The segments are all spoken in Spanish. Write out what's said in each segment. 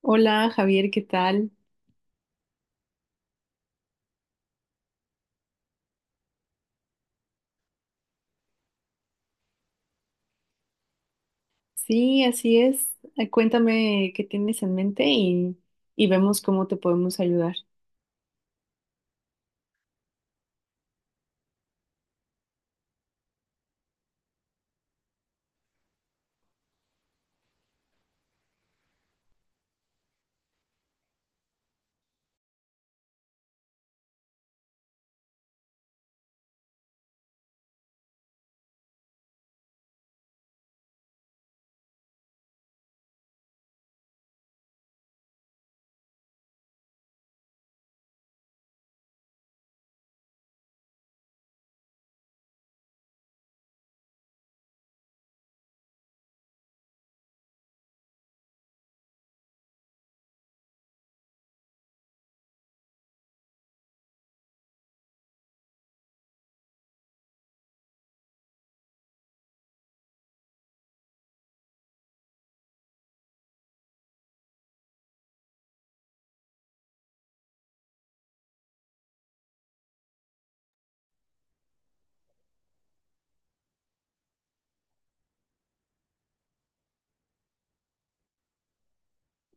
Hola Javier, ¿qué tal? Sí, así es. Cuéntame qué tienes en mente y vemos cómo te podemos ayudar.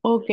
Ok.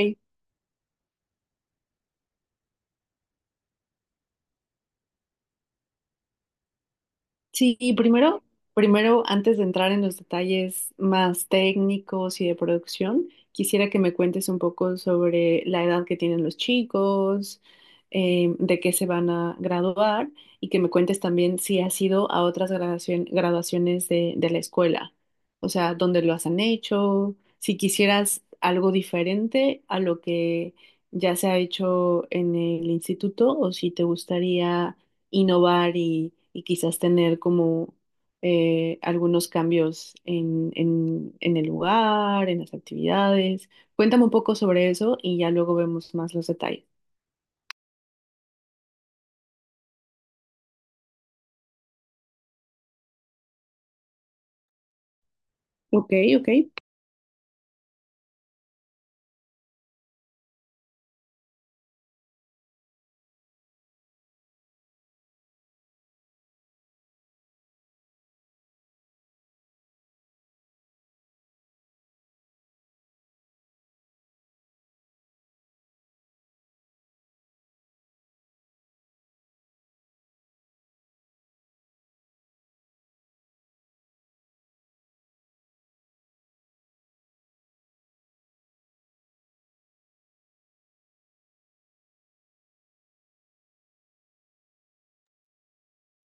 Sí, y primero, antes de entrar en los detalles más técnicos y de producción, quisiera que me cuentes un poco sobre la edad que tienen los chicos, de qué se van a graduar y que me cuentes también si has ido a otras graduaciones de la escuela, o sea, dónde lo han hecho, si quisieras algo diferente a lo que ya se ha hecho en el instituto o si te gustaría innovar y quizás tener como algunos cambios en el lugar, en las actividades. Cuéntame un poco sobre eso y ya luego vemos más los detalles. Ok, ok.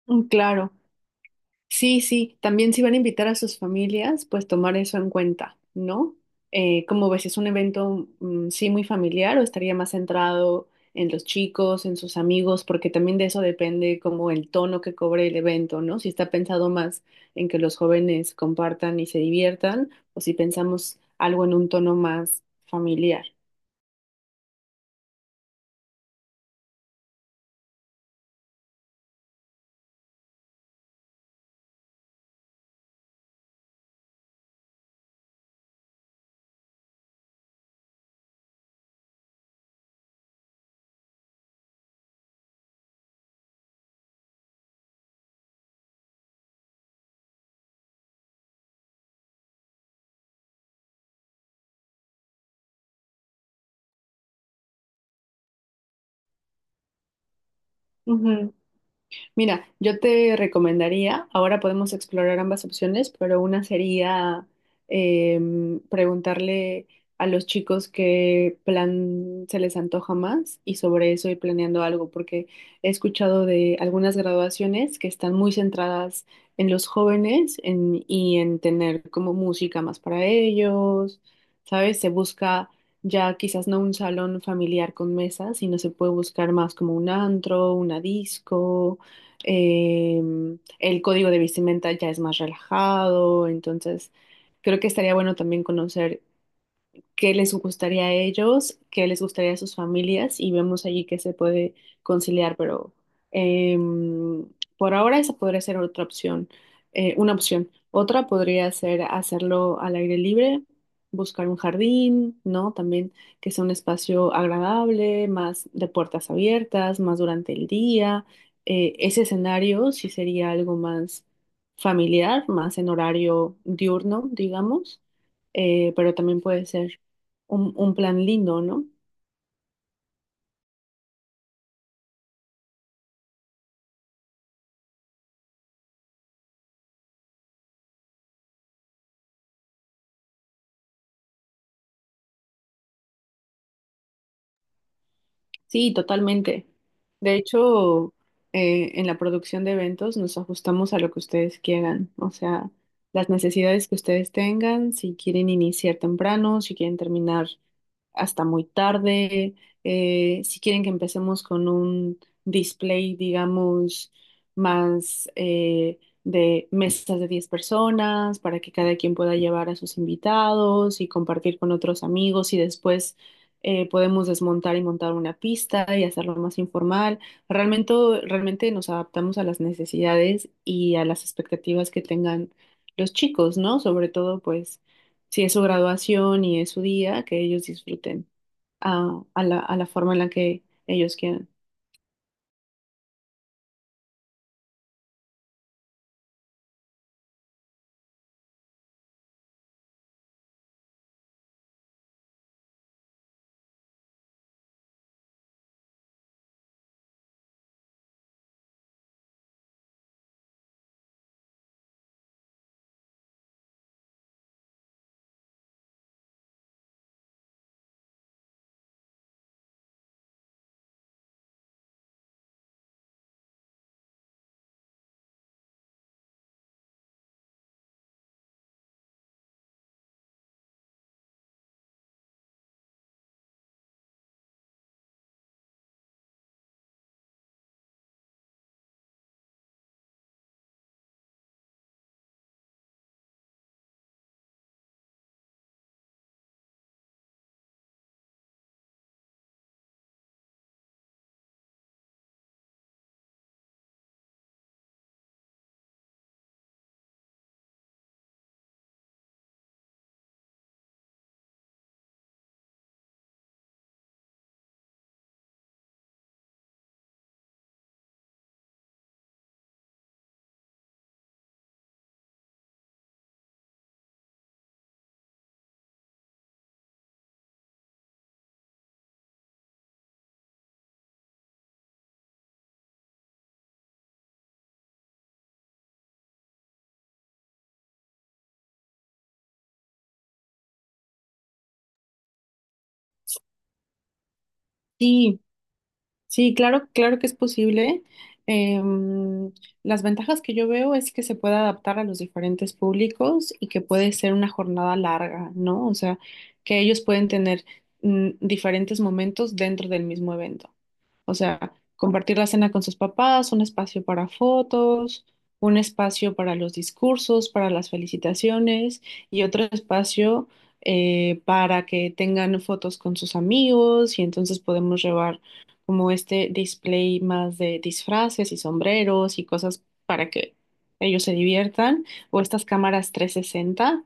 Mm, claro. Sí, sí, también si van a invitar a sus familias, pues tomar eso en cuenta, ¿no? Como ves, es un evento, mm, sí, muy familiar o estaría más centrado en los chicos, en sus amigos, porque también de eso depende como el tono que cobre el evento, ¿no? Si está pensado más en que los jóvenes compartan y se diviertan, o si pensamos algo en un tono más familiar. Mira, yo te recomendaría, ahora podemos explorar ambas opciones, pero una sería preguntarle a los chicos qué plan se les antoja más y sobre eso ir planeando algo, porque he escuchado de algunas graduaciones que están muy centradas en los jóvenes y en tener como música más para ellos, ¿sabes? Se busca ya quizás no un salón familiar con mesas, sino se puede buscar más como un antro, una disco, eh, el código de vestimenta ya es más relajado, entonces creo que estaría bueno también conocer qué les gustaría a ellos, qué les gustaría a sus familias y vemos allí qué se puede conciliar, pero em, por ahora esa podría ser otra opción, una opción. Otra podría ser hacerlo al aire libre, buscar un jardín, ¿no? También que sea un espacio agradable, más de puertas abiertas, más durante el día. Ese escenario sí sería algo más familiar, más en horario diurno, digamos, pero también puede ser un plan lindo, ¿no? Sí, totalmente. De hecho, en la producción de eventos nos ajustamos a lo que ustedes quieran, o sea, las necesidades que ustedes tengan, si quieren iniciar temprano, si quieren terminar hasta muy tarde. Si quieren que empecemos con un display, digamos, más de mesas de 10 personas para que cada quien pueda llevar a sus invitados y compartir con otros amigos y después podemos desmontar y montar una pista y hacerlo más informal. Realmente, realmente, nos adaptamos a las necesidades y a las expectativas que tengan los chicos, ¿no? Sobre todo, pues, si es su graduación y es su día, que ellos disfruten a la forma en la que ellos quieran. Sí, sí, claro, claro que es posible. Em, las ventajas que yo veo es que se puede adaptar a los diferentes públicos y que puede ser una jornada larga, ¿no? O sea, que ellos pueden tener, mm, diferentes momentos dentro del mismo evento. O sea, compartir la cena con sus papás, un espacio para fotos, un espacio para los discursos, para las felicitaciones y otro espacio, para que tengan fotos con sus amigos y entonces podemos llevar como este display más de disfraces y sombreros y cosas para que ellos se diviertan o estas cámaras 360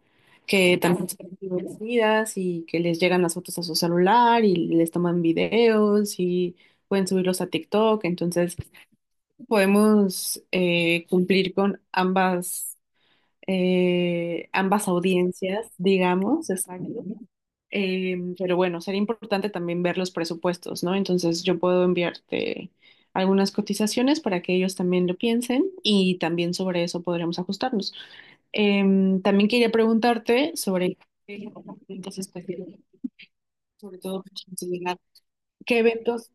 que también son divertidas y que les llegan las fotos a su celular y les toman videos y pueden subirlos a TikTok, entonces podemos, cumplir con ambas audiencias, digamos, exacto. Pero bueno, sería importante también ver los presupuestos, ¿no? Entonces yo puedo enviarte algunas cotizaciones para que ellos también lo piensen y también sobre eso podremos ajustarnos. También quería preguntarte sobre qué eventos especiales, sobre todo para llegar, qué eventos,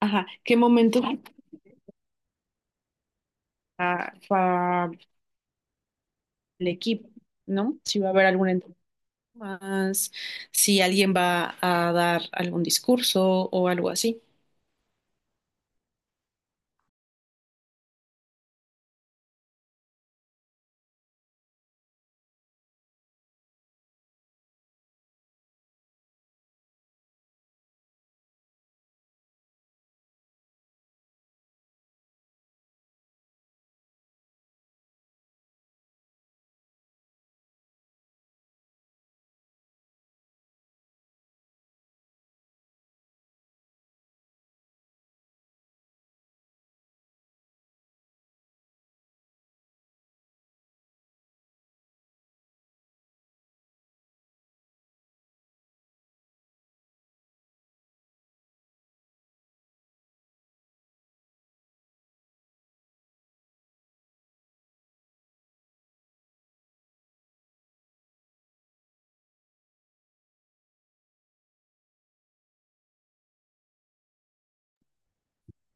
ajá, qué momentos para el equipo, ¿no? Si va a haber alguna entrevista más, si alguien va a dar algún discurso o algo así.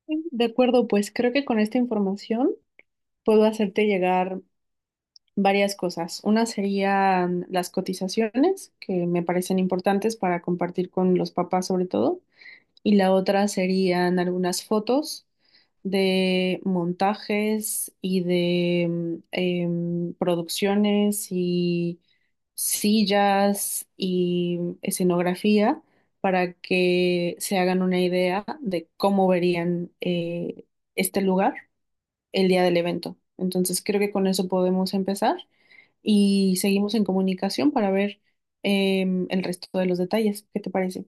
De acuerdo, pues creo que con esta información puedo hacerte llegar varias cosas. Una serían las cotizaciones, que me parecen importantes para compartir con los papás sobre todo, y la otra serían algunas fotos de montajes y de producciones y sillas y escenografía para que se hagan una idea de cómo verían, este lugar el día del evento. Entonces creo que con eso podemos empezar y seguimos en comunicación para ver el resto de los detalles. ¿Qué te parece?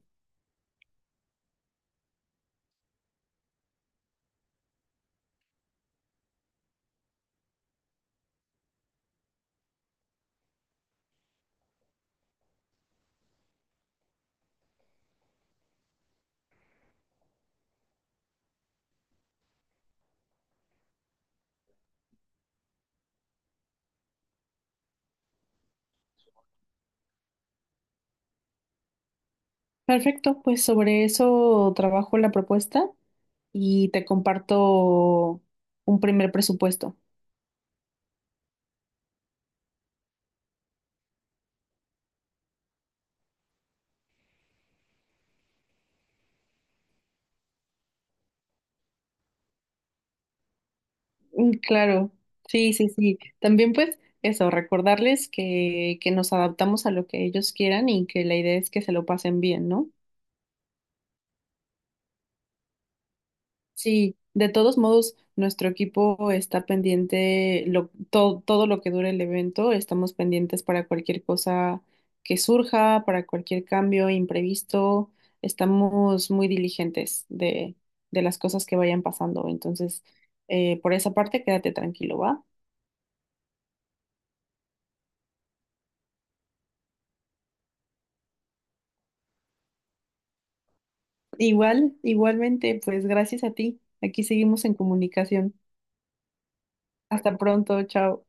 Perfecto, pues sobre eso trabajo la propuesta y te comparto un primer presupuesto. Mm, claro, sí, sí, sí. También pues eso, recordarles que nos adaptamos a lo que ellos quieran y que la idea es que se lo pasen bien, ¿no? Sí, de todos modos, nuestro equipo está pendiente, lo, todo lo que dure el evento, estamos pendientes para cualquier cosa que surja, para cualquier cambio imprevisto, estamos muy diligentes de las cosas que vayan pasando. Entonces, por esa parte, quédate tranquilo, ¿va? Igual, igualmente, pues gracias a ti. Aquí seguimos en comunicación. Hasta pronto, chao.